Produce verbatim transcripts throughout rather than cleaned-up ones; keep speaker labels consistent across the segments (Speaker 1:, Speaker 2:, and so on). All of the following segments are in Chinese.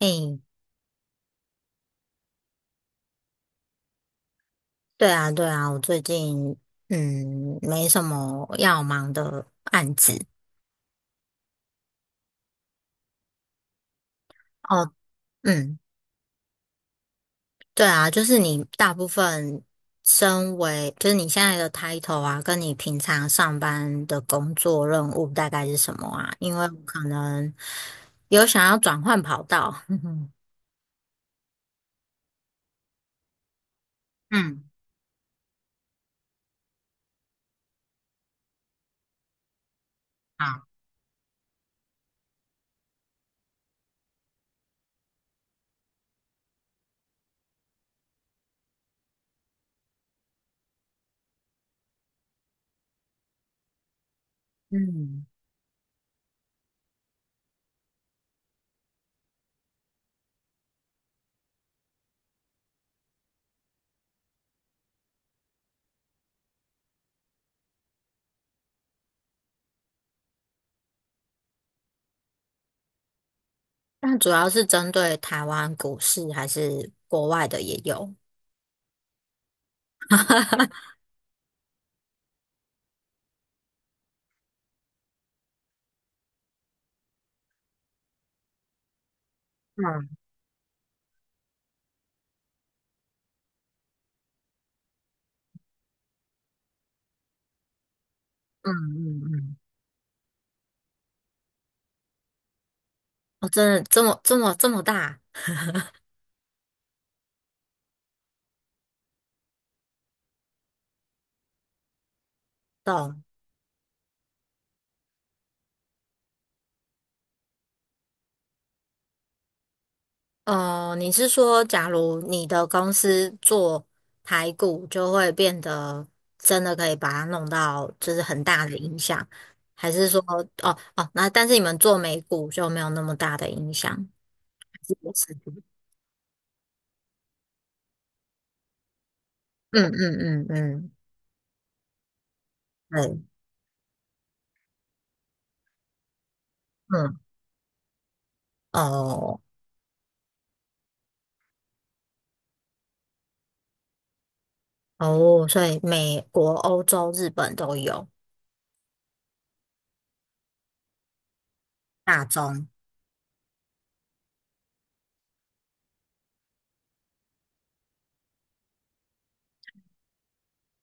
Speaker 1: 诶，对啊，对啊，我最近嗯没什么要忙的案子。哦，嗯，对啊，就是你大部分身为就是你现在的 title 啊，跟你平常上班的工作任务大概是什么啊？因为我可能有想要转换跑道，嗯嗯，好，嗯，那主要是针对台湾股市还是国外的也有？嗯嗯嗯嗯，哦，真的这么这么这么大。懂。呃，你是说，假如你的公司做排骨，就会变得真的可以把它弄到就是很大的影响，还是说，哦哦，那但是你们做美股就没有那么大的影响？还是也是嗯嗯嗯嗯，对，嗯，哦哦，所以美国、欧洲、日本都有大宗。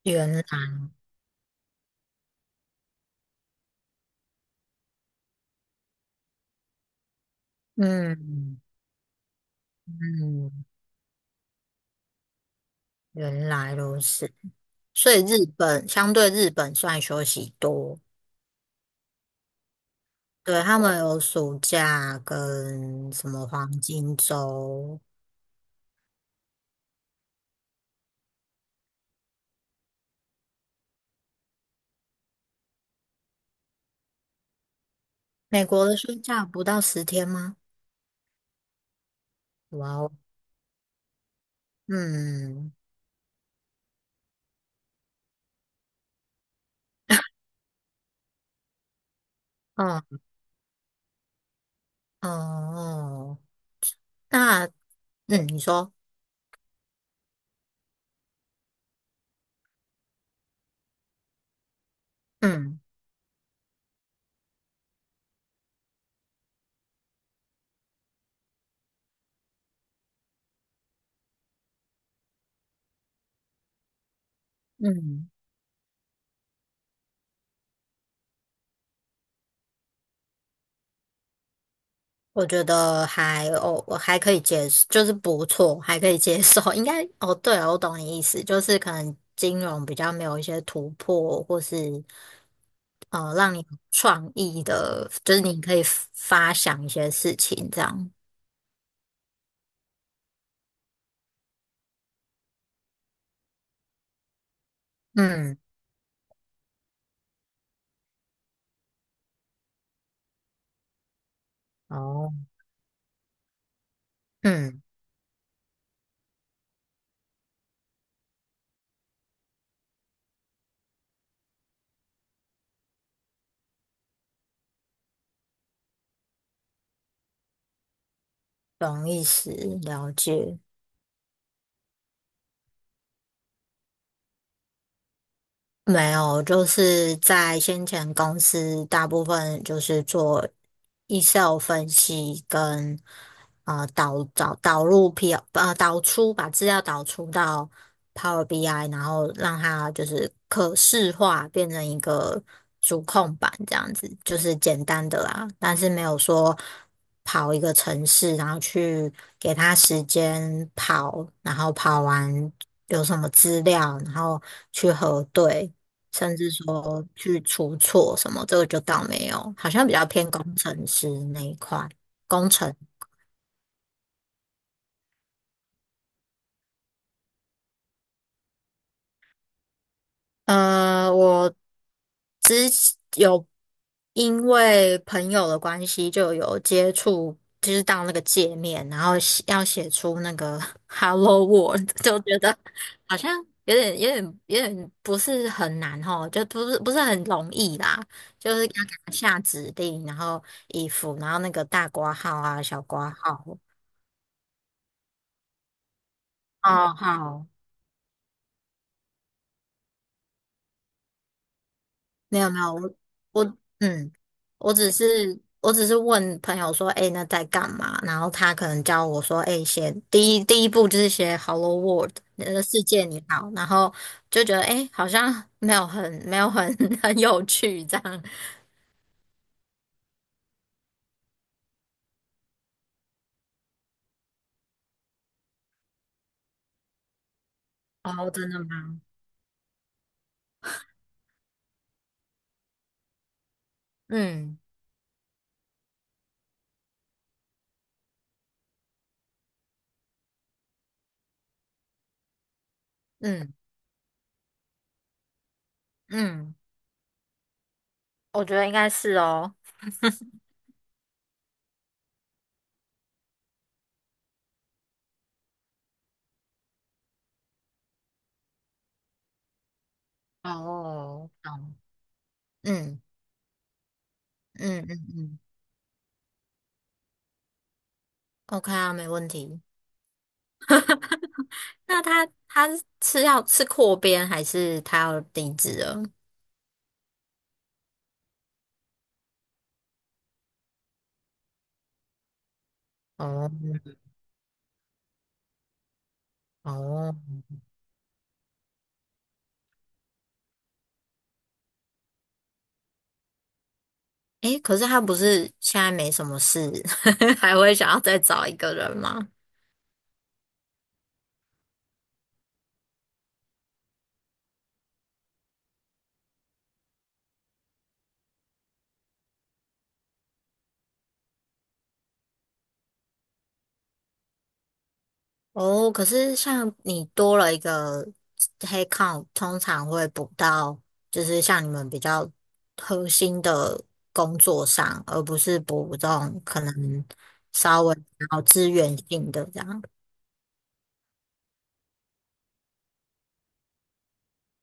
Speaker 1: 原来，嗯嗯，原来如此。所以日本相对日本算休息多，对，他们有暑假跟什么黄金周。美国的休假不到十天吗？哇哦，嗯，哦哦，那嗯，你说，嗯嗯，我觉得还哦，我还可以接受，就是不错，还可以接受。应该哦，对了，我懂你意思，就是可能金融比较没有一些突破，或是哦，让你有创意的，就是你可以发想一些事情这样。嗯，哦，嗯，懂意思，了解。没有，就是在先前公司大部分就是做 Excel 分析跟啊导导导入 P 呃导出把资料导出到 Power B I，然后让它就是可视化变成一个主控板这样子，就是简单的啦，但是没有说跑一个城市，然后去给它时间跑，然后跑完有什么资料，然后去核对。甚至说去出错什么，这个就倒没有，好像比较偏工程师那一块，工程。呃，我之前有因为朋友的关系，就有接触，就是到那个界面，然后写要写出那个 Hello World，就觉得 好像有点、有点、有点不是很难哦，就不是不是很容易啦，就是要给他下指令，然后衣服，然后那个大括号啊、小括号、哦好。没有没有，我我嗯，我只是我只是问朋友说，哎，那在干嘛？然后他可能教我说，哎，写第一第一步就是写 "Hello World"，呃，世界你好，然后就觉得哎，好像没有很没有很 很有趣这样。哦，真的吗？嗯嗯嗯，我觉得应该是哦。哦，懂。嗯嗯嗯嗯，OK 啊，没问题。那他他是要吃扩编还是他要离职了？哦哦，诶，可是他不是现在没什么事，还会想要再找一个人吗？哦，可是像你多了一个黑 e 通常会补到，就是像你们比较核心的工作上，而不是补这种可能稍微比较资源性的这样。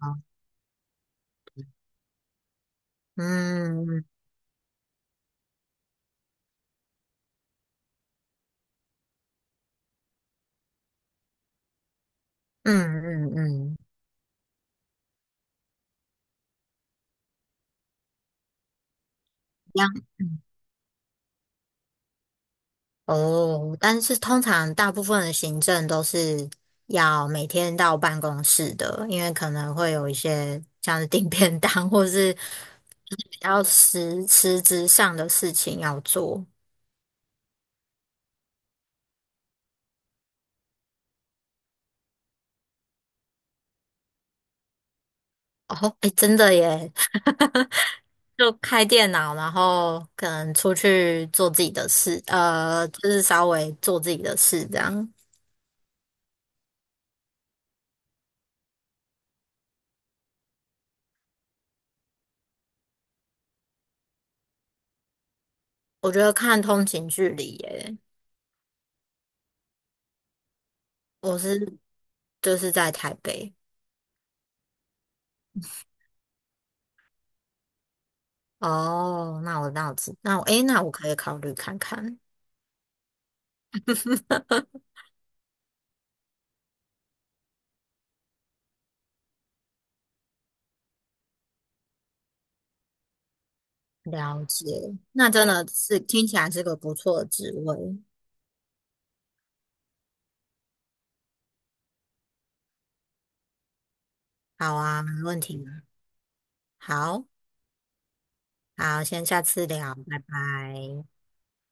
Speaker 1: 哦嗯嗯嗯嗯，一样。嗯哦，但是通常大部分的行政都是要每天到办公室的，因为可能会有一些像是订便当或是就是比较实实质上的事情要做。哦，哎，真的耶，就开电脑，然后可能出去做自己的事，呃，就是稍微做自己的事这样。我觉得看通勤距离耶，我是就是在台北。哦，那我那我知，那我诶，那我可以考虑看看。了解，那真的是听起来是个不错的职位。好啊，没问题啊。好，好，先下次聊，拜拜。